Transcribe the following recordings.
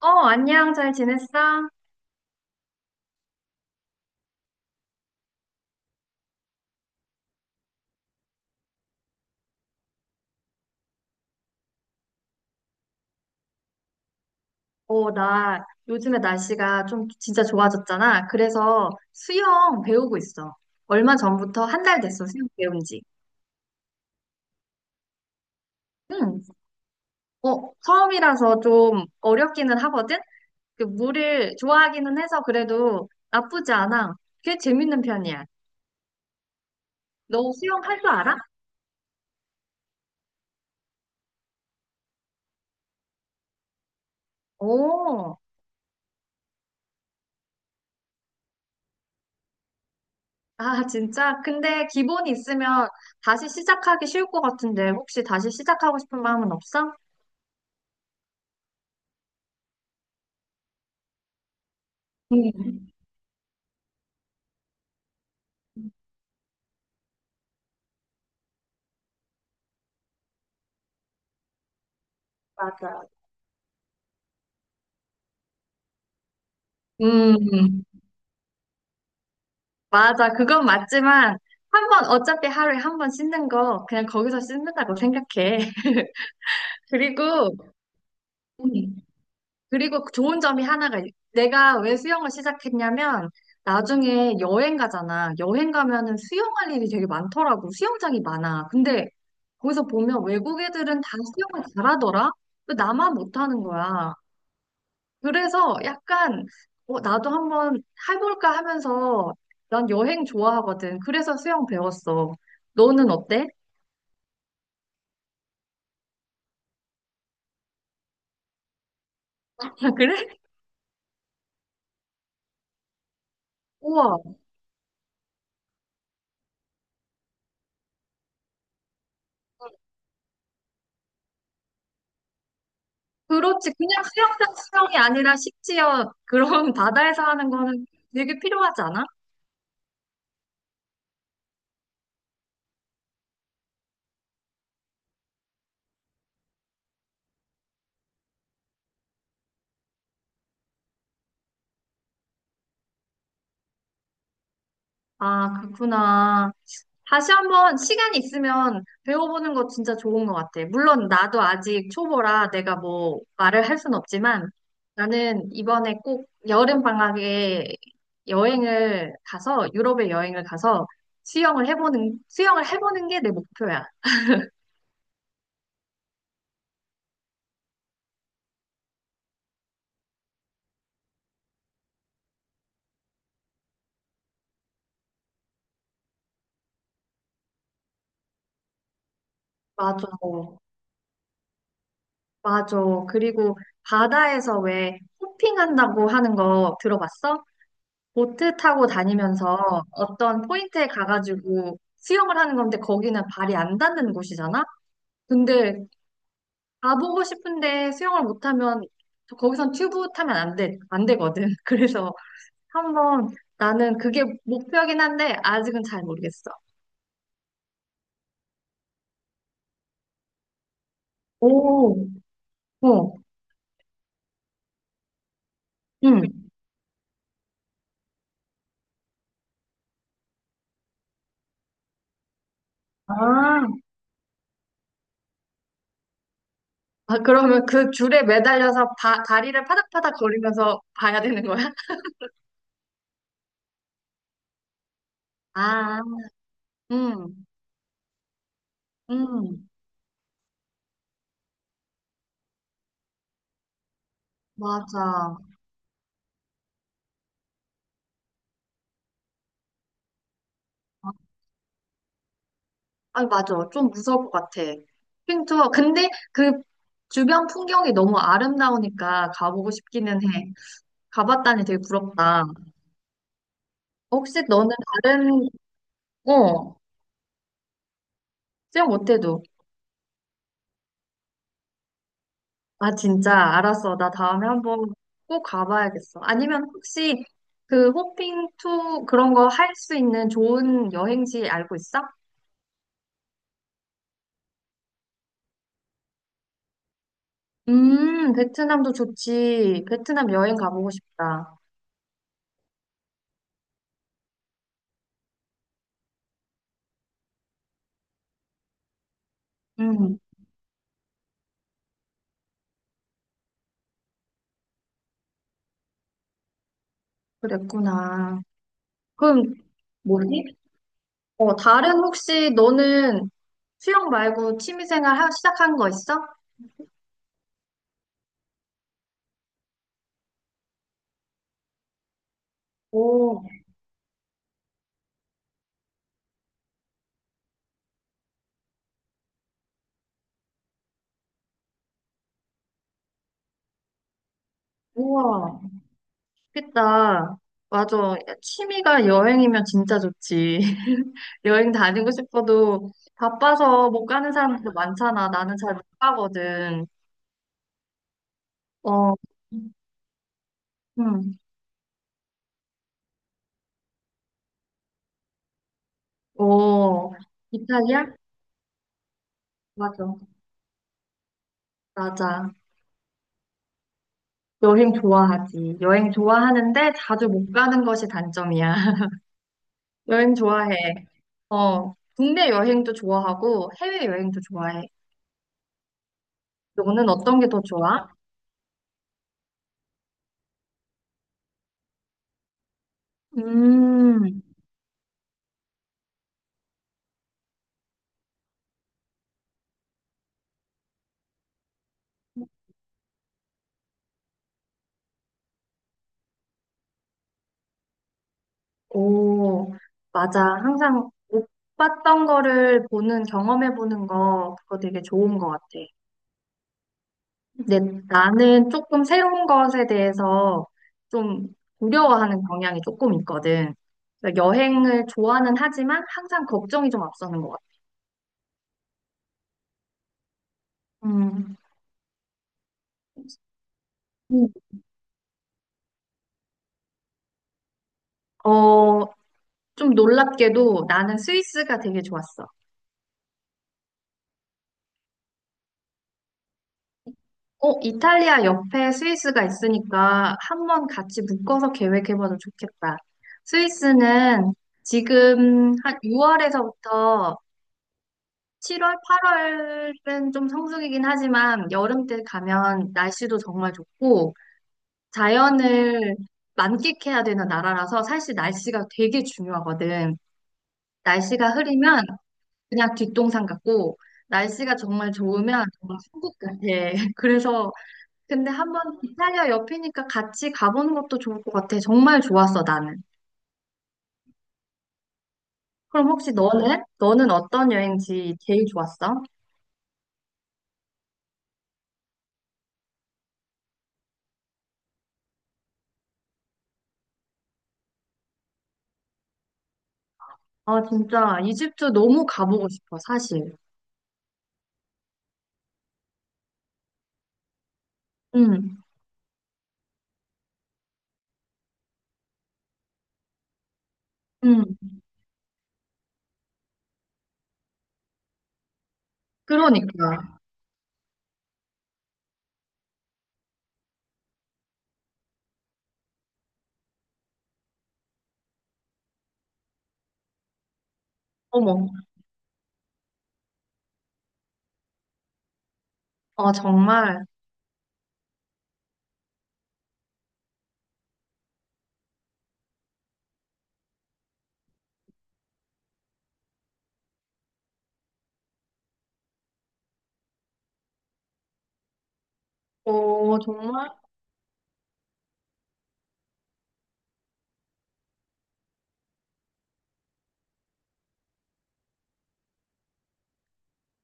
어, 안녕, 잘 지냈어? 나 요즘에 날씨가 좀 진짜 좋아졌잖아. 그래서 수영 배우고 있어. 얼마 전부터 한 달 됐어, 수영 배운 지. 응, 처음이라서 좀 어렵기는 하거든? 그 물을 좋아하기는 해서 그래도 나쁘지 않아. 꽤 재밌는 편이야. 너 수영 할 줄 알아? 오, 아, 진짜? 근데 기본이 있으면 다시 시작하기 쉬울 것 같은데 혹시 다시 시작하고 싶은 마음은 없어? 응, 맞아. 음. 맞아. 그건 맞지만, 한 번, 어차피 하루에 한 번 씻는 거, 그냥 거기서 씻는다고 생각해. 그리고, 음, 그리고 좋은 점이 하나가, 내가 왜 수영을 시작했냐면, 나중에 여행 가잖아. 여행 가면은 수영할 일이 되게 많더라고. 수영장이 많아. 근데 거기서 보면 외국 애들은 다 수영을 잘하더라? 왜 나만 못하는 거야? 그래서 약간 나도 한번 해볼까 하면서 난 여행 좋아하거든. 그래서 수영 배웠어. 너는 어때? 아, 그래? 우와. 그렇지. 그냥 수영장 수영이 아니라 식지어 그런 바다에서 하는 거는 되게 필요하지 않아? 아, 그렇구나. 다시 한번 시간 있으면 배워보는 거 진짜 좋은 것 같아. 물론 나도 아직 초보라 내가 뭐 말을 할 순 없지만 나는 이번에 꼭 여름 방학에 여행을 가서 유럽에 여행을 가서 수영을 해보는 게 내 목표야. 맞아. 맞아. 그리고 바다에서 왜 호핑한다고 하는 거 들어봤어? 보트 타고 다니면서 어떤 포인트에 가가지고 수영을 하는 건데 거기는 발이 안 닿는 곳이잖아. 근데 가보고 싶은데 수영을 못하면 거기선 튜브 타면 안 돼, 안 되거든. 그래서 한번 나는 그게 목표긴 한데 아직은 잘 모르겠어. 오, 어, 응. 아, 아, 그러면 그 줄에 매달려서 다리를 파닥파닥 거리면서 봐야 되는 거야? 아, 음, 음, 맞아. 아, 맞아. 좀 무서울 것 같아. 핑투어. 근데 그 주변 풍경이 너무 아름다우니까 가보고 싶기는 해. 가봤다니 되게 부럽다. 혹시 너는 다른, 어, 수영 못해도. 아, 진짜, 알았어. 나 다음에 한번 꼭 가봐야겠어. 아니면 혹시 그 호핑 투 그런 거 할 수 있는 좋은 여행지 알고 있어? 베트남도 좋지. 베트남 여행 가보고 싶다. 음, 그랬구나. 그럼 뭐니? 다른 혹시 너는 수영 말고 취미생활 시작한 거 있어? 오, 우와. 그다. 맞아. 야, 취미가 여행이면 진짜 좋지. 여행 다니고 싶어도 바빠서 못 가는 사람들 많잖아. 나는 잘 못 가거든. 어, 응. 어, 이탈리아? 맞아. 맞아. 여행 좋아하지. 여행 좋아하는데 자주 못 가는 것이 단점이야. 여행 좋아해. 어, 국내 여행도 좋아하고 해외 여행도 좋아해. 너는 어떤 게 더 좋아? 음. 오, 맞아. 항상 못 봤던 거를 보는, 경험해보는 거, 그거 되게 좋은 것 같아. 근데 나는 조금 새로운 것에 대해서 좀 두려워하는 경향이 조금 있거든. 그러니까 여행을 좋아는 하지만 항상 걱정이 좀 앞서는 것 같아. 음. 음. 어, 좀 놀랍게도 나는 스위스가 되게 좋았어. 이탈리아 옆에 스위스가 있으니까 한번 같이 묶어서 계획해봐도 좋겠다. 스위스는 지금 한 6월에서부터 7월, 8월은 좀 성수기긴 하지만 여름 때 가면 날씨도 정말 좋고 자연을 만끽해야 되는 나라라서 사실 날씨가 되게 중요하거든. 날씨가 흐리면 그냥 뒷동산 같고 날씨가 정말 좋으면 정말 천국 같아. 그래서 근데 한번 이탈리아 옆이니까 같이 가보는 것도 좋을 것 같아. 정말 좋았어, 나는. 그럼 혹시 너는? 너는 어떤 여행지 제일 좋았어? 아, 진짜 이집트 너무 가보고 싶어, 사실. 응, 응. 그러니까. 어머. 아, 정말. 정말?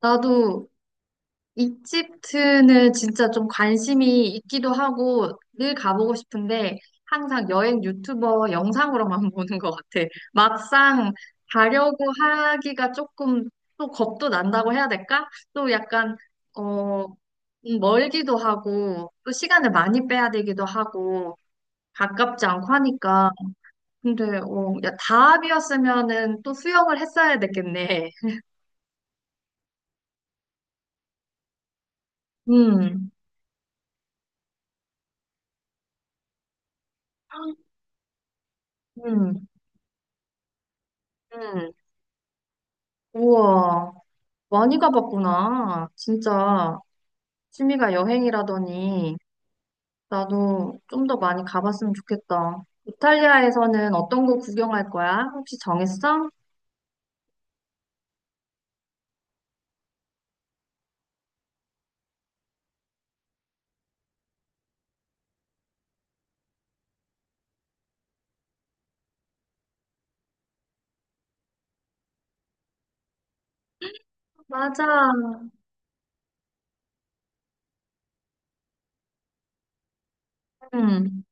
나도 이집트는 진짜 좀 관심이 있기도 하고 늘 가보고 싶은데 항상 여행 유튜버 영상으로만 보는 것 같아. 막상 가려고 하기가 조금 또 겁도 난다고 해야 될까? 또 약간 어 멀기도 하고 또 시간을 많이 빼야 되기도 하고 가깝지 않고 하니까 근데 야, 다합이었으면은 또 수영을 했어야 됐겠네. 음, 음, 음. 우와. 많이 가봤구나. 진짜 취미가 여행이라더니 나도 좀 더 많이 가봤으면 좋겠다. 이탈리아에서는 어떤 곳 구경할 거야? 혹시 정했어? 맞아. 음,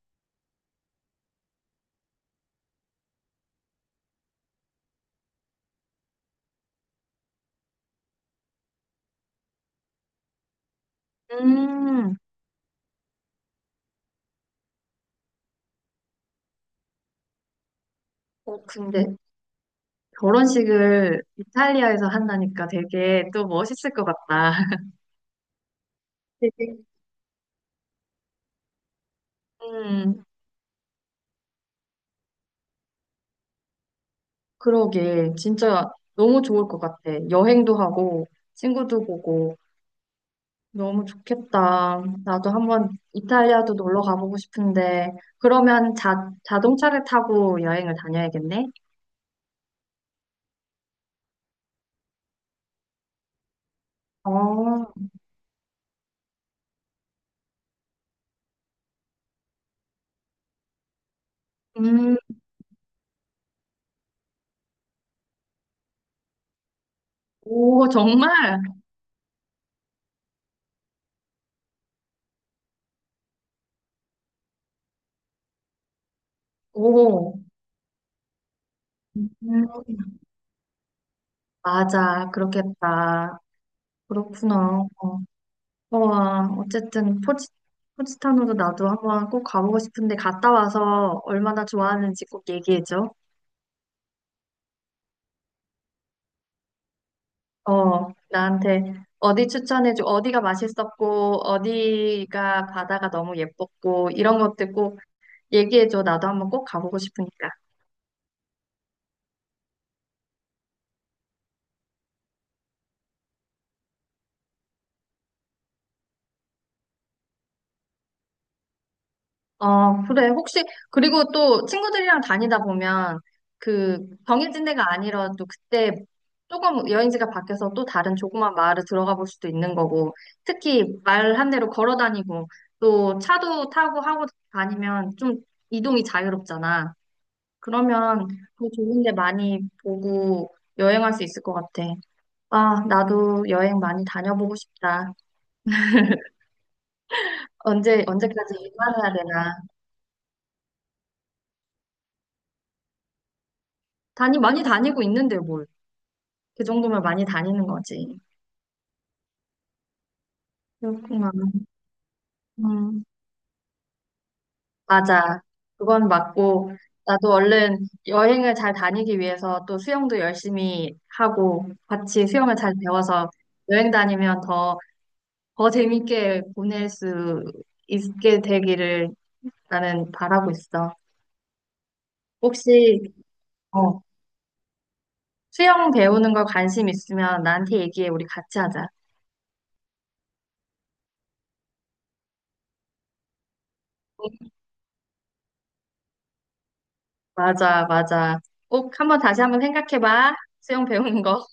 음. 근데 결혼식을 이탈리아에서 한다니까 되게 또 멋있을 것 같다. 되게. 음, 그러게. 진짜 너무 좋을 것 같아. 여행도 하고 친구도 보고. 너무 좋겠다. 나도 한번 이탈리아도 놀러 가보고 싶은데, 그러면 자동차를 타고 여행을 다녀야겠네? 어, 음, 오, 정말? 오, 음, 맞아. 그렇겠다. 그렇구나. 와, 어쨌든 포지타노도 나도 한번 꼭 가보고 싶은데, 갔다 와서 얼마나 좋아하는지 꼭 얘기해줘. 나한테 어디 추천해줘, 어디가 맛있었고, 어디가 바다가 너무 예뻤고, 이런 것들 꼭 얘기해줘. 나도 한번 꼭 가보고 싶으니까. 그래. 혹시, 그리고 또 친구들이랑 다니다 보면 그 정해진 데가 아니라도 그때 조금 여행지가 바뀌어서 또 다른 조그만 마을을 들어가 볼 수도 있는 거고, 특히 말한 대로 걸어 다니고, 또 차도 타고 하고 다니면 좀 이동이 자유롭잖아. 그러면 더 좋은 데 많이 보고 여행할 수 있을 것 같아. 아, 나도 여행 많이 다녀보고 싶다. 언제까지 일만 해야 되나. 많이 다니고 있는데 뭘. 그 정도면 많이 다니는 거지. 그렇구나. 음, 맞아. 그건 맞고, 나도 얼른 여행을 잘 다니기 위해서 또 수영도 열심히 하고, 같이 수영을 잘 배워서 여행 다니면 더, 더 재밌게 보낼 수 있게 되기를 나는 바라고 있어. 혹시 어. 수영 배우는 거 관심 있으면 나한테 얘기해. 우리 같이 하자. 맞아, 맞아. 꼭 한번 다시 한번 생각해봐. 수영 배우는 거.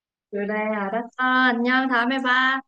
그래, 알았어. 안녕. 다음에 봐.